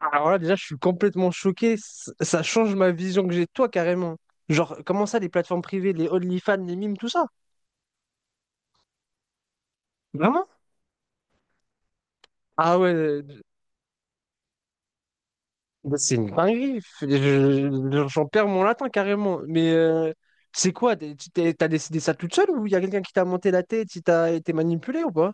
Alors là, déjà, je suis complètement choqué. Ça change ma vision que j'ai de toi carrément. Genre, comment ça, les plateformes privées, les OnlyFans, les mimes, tout ça? Vraiment? Ah ouais, bah, c'est une dinguerie. J'en perds mon latin carrément. Mais c'est quoi? T'as décidé ça toute seule ou il y a quelqu'un qui t'a monté la tête, qui t'a été manipulé ou pas?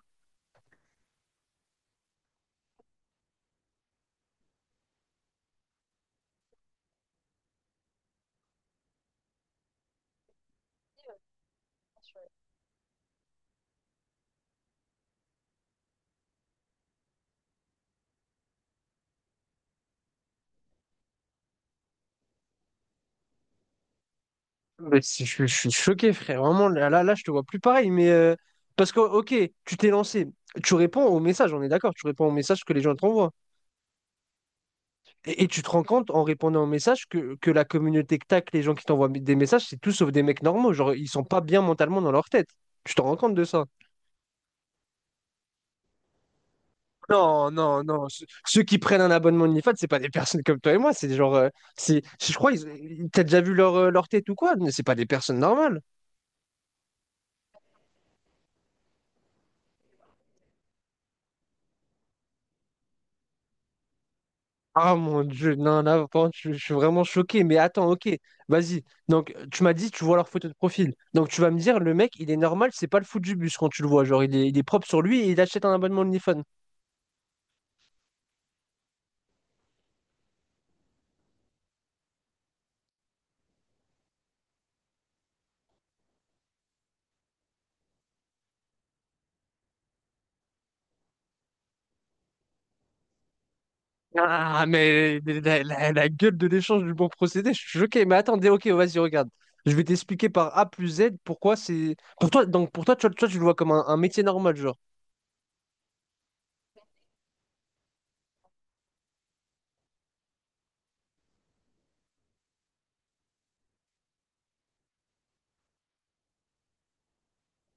Mais si, je suis choqué, frère. Vraiment, là, là, là, je te vois plus pareil. Mais parce que, ok, tu t'es lancé. Tu réponds aux messages, on est d'accord. Tu réponds aux messages que les gens t'envoient. Et tu te rends compte en répondant aux messages que la communauté que tac, les gens qui t'envoient des messages, c'est tout sauf des mecs normaux. Genre, ils sont pas bien mentalement dans leur tête. Tu te rends compte de ça? Non, non, non. Ceux qui prennent un abonnement OnlyFans, c'est pas des personnes comme toi et moi. C'est genre, c'est, je crois, t'as déjà vu leur tête ou quoi? Mais c'est pas des personnes normales. Ah mon Dieu, non, là, par contre, je suis vraiment choqué. Mais attends, ok, vas-y. Donc, tu m'as dit, tu vois leur photo de profil. Donc, tu vas me dire, le mec, il est normal, c'est pas le fou du bus quand tu le vois. Genre, il est propre sur lui et il achète un abonnement OnlyFans. Ah, mais la gueule de l'échange du bon procédé, je suis choqué. Mais attendez, ok, vas-y, regarde. Je vais t'expliquer par A plus Z pourquoi c'est. Pour toi, donc pour toi, tu le vois comme un métier normal, genre.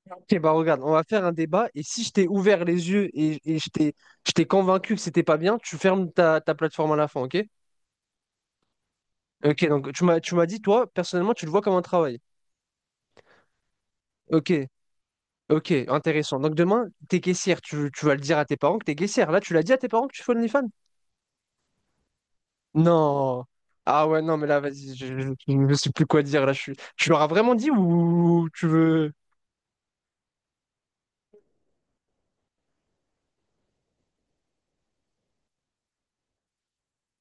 Ok, bah regarde, on va faire un débat et si je t'ai ouvert les yeux et je t'ai convaincu que c'était pas bien, tu fermes ta plateforme à la fin, ok? Ok, donc tu m'as dit, toi, personnellement, tu le vois comme un travail. Ok, ok, intéressant. Donc demain, t'es caissière, tu vas le dire à tes parents que t'es caissière. Là, tu l'as dit à tes parents que tu fais OnlyFans? Non. Ah ouais, non, mais là, vas-y, je ne sais plus quoi dire. Là, tu leur as vraiment dit ou tu veux…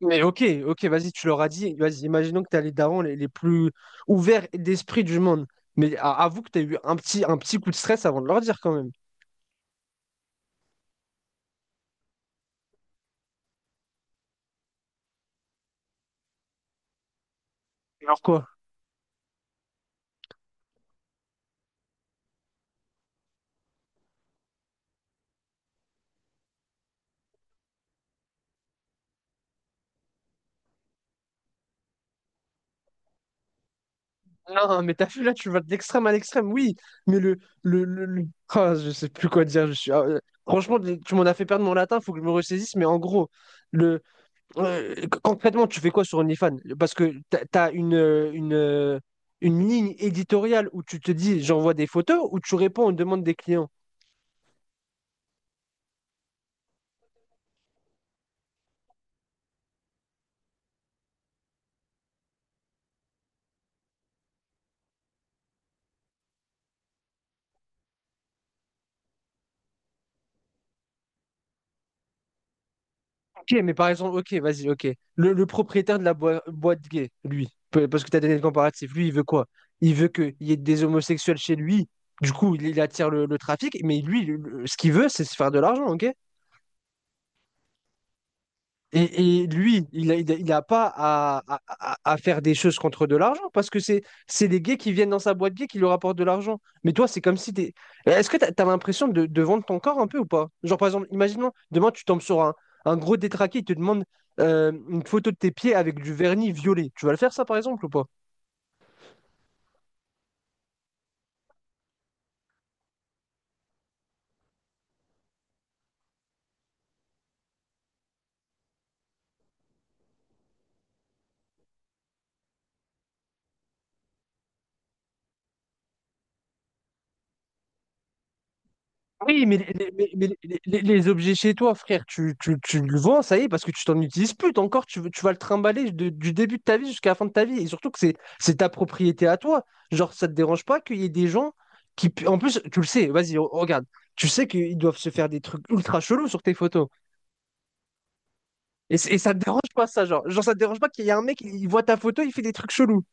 Mais ok, ok, vas-y, tu leur as dit. Vas-y, imaginons que tu as les darons les plus ouverts d'esprit du monde. Mais avoue que tu as eu un petit coup de stress avant de leur dire quand même. Alors quoi? Non, mais t'as vu, là, tu vas de l'extrême à l'extrême, oui. Ah, je sais plus quoi dire. Franchement, tu m'en as fait perdre mon latin, faut que je me ressaisisse. Mais en gros, Euh, concrètement, tu fais quoi sur OnlyFans? Parce que tu as une ligne éditoriale où tu te dis j'envoie des photos ou tu réponds aux demandes des clients. Ok, mais par exemple, ok, vas-y, ok. Le propriétaire de la boîte gay, lui, parce que tu as donné le comparatif, lui, il veut quoi? Il veut qu'il y ait des homosexuels chez lui, du coup, il attire le trafic, mais lui, ce qu'il veut, c'est se faire de l'argent, ok? Et lui, il a pas à faire des choses contre de l'argent parce que c'est les gays qui viennent dans sa boîte gay qui lui rapportent de l'argent. Mais toi, c'est comme si t'es. Est-ce que t'as l'impression de vendre ton corps un peu ou pas? Genre, par exemple, imaginons, demain, tu tombes sur un gros détraqué, il te demande une photo de tes pieds avec du vernis violet. Tu vas le faire, ça, par exemple, ou pas? Oui, mais les objets chez toi, frère, tu le vends, ça y est, parce que tu t'en utilises plus. T'as Encore, tu vas le trimballer du début de ta vie jusqu'à la fin de ta vie. Et surtout que c'est ta propriété à toi. Genre, ça te dérange pas qu'il y ait des gens qui... pu- En plus, tu le sais, vas-y, regarde. Tu sais qu'ils doivent se faire des trucs ultra chelous sur tes photos. Et ça te dérange pas, ça, genre. Genre, ça te dérange pas qu'il y ait un mec, il voit ta photo, il fait des trucs chelous.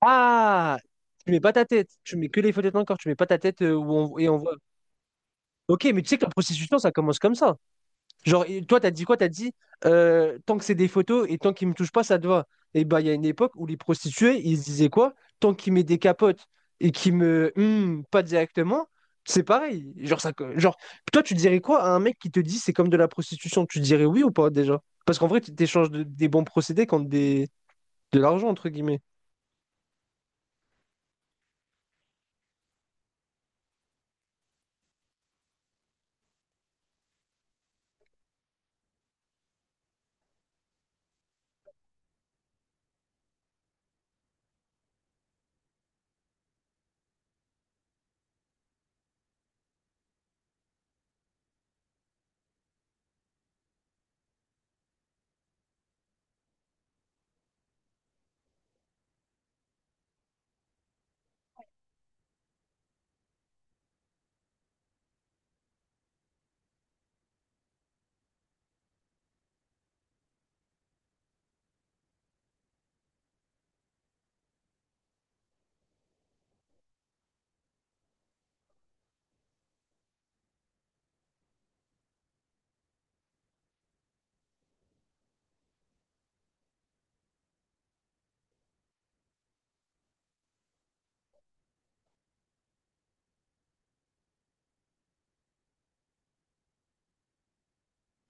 Ah! Tu mets pas ta tête. Tu mets que les photos de ton corps. Tu mets pas ta tête où et on voit. Ok, mais tu sais que la prostitution, ça commence comme ça. Genre, et toi, t'as dit quoi? T'as dit tant que c'est des photos et tant qu'ils me touchent pas, ça te va. Et bah, il y a une époque où les prostituées, ils se disaient quoi? Tant qu'ils met des capotes et qu'ils me pas directement, c'est pareil. Genre, toi, tu dirais quoi à un mec qui te dit c'est comme de la prostitution? Tu dirais oui ou pas déjà? Parce qu'en vrai, tu t'échanges des bons procédés contre de l'argent, entre guillemets.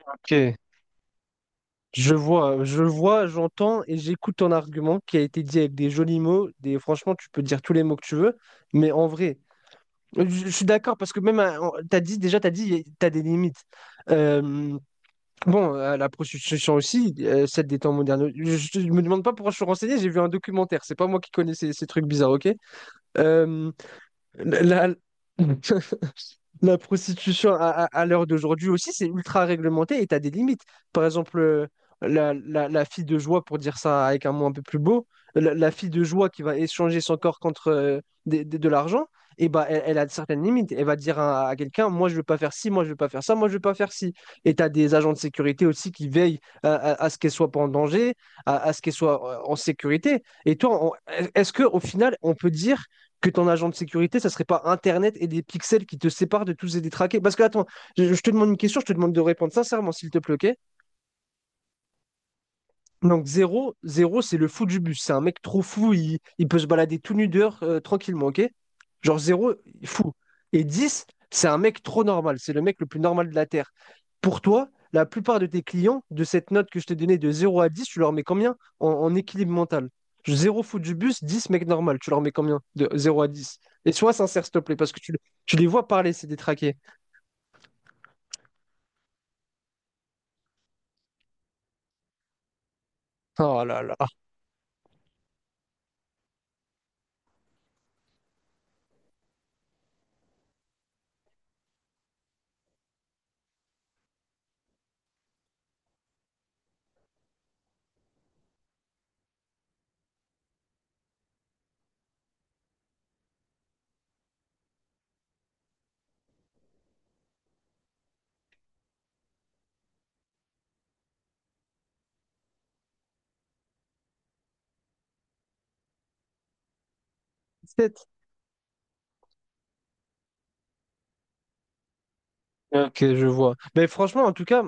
Ok. Je vois, j'entends et j'écoute ton argument qui a été dit avec des jolis mots. Franchement, tu peux dire tous les mots que tu veux, mais en vrai. Je suis d'accord parce que même, t'as dit, déjà, t'as des limites. Euh, bon, à la prostitution aussi, celle des temps modernes. Me demande pas pourquoi je suis renseigné, j'ai vu un documentaire. C'est pas moi qui connais ces trucs bizarres, ok? Euh, la, La prostitution à l'heure d'aujourd'hui aussi, c'est ultra réglementé et tu as des limites. Par exemple, la fille de joie, pour dire ça avec un mot un peu plus beau, la fille de joie qui va échanger son corps contre l'argent, et bah, elle a certaines limites. Elle va dire à quelqu'un, moi je veux pas faire ci, moi je veux pas faire ça, moi je veux pas faire ci. Et tu as des agents de sécurité aussi qui veillent à ce qu'elle soit pas en danger, à ce qu'elle soit en sécurité. Et toi, est-ce que au final, on peut dire que ton agent de sécurité, ça serait pas Internet et des pixels qui te séparent de tous et des traqués. Parce que, attends, je te demande une question, je te demande de répondre sincèrement, s'il te plaît, ok. Donc 0, 0, c'est le fou du bus. C'est un mec trop fou, il peut se balader tout nu dehors tranquillement, ok? Genre 0, fou. Et 10, c'est un mec trop normal. C'est le mec le plus normal de la Terre. Pour toi, la plupart de tes clients, de cette note que je t'ai donnée de 0 à 10, tu leur mets combien en équilibre mental? 0 fou du bus, 10 mec normal. Tu leur mets combien de 0 à 10. Et sois sincère, s'il te plaît, parce que tu les vois parler, c'est détraqués. Oh là là. 7. Ok, je vois. Mais franchement, en tout cas.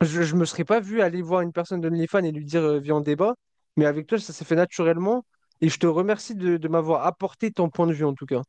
Je me serais pas vu aller voir une personne de d'OnlyFans et lui dire viens on débat, mais avec toi ça s'est fait naturellement et je te remercie de m'avoir apporté ton point de vue en tout cas.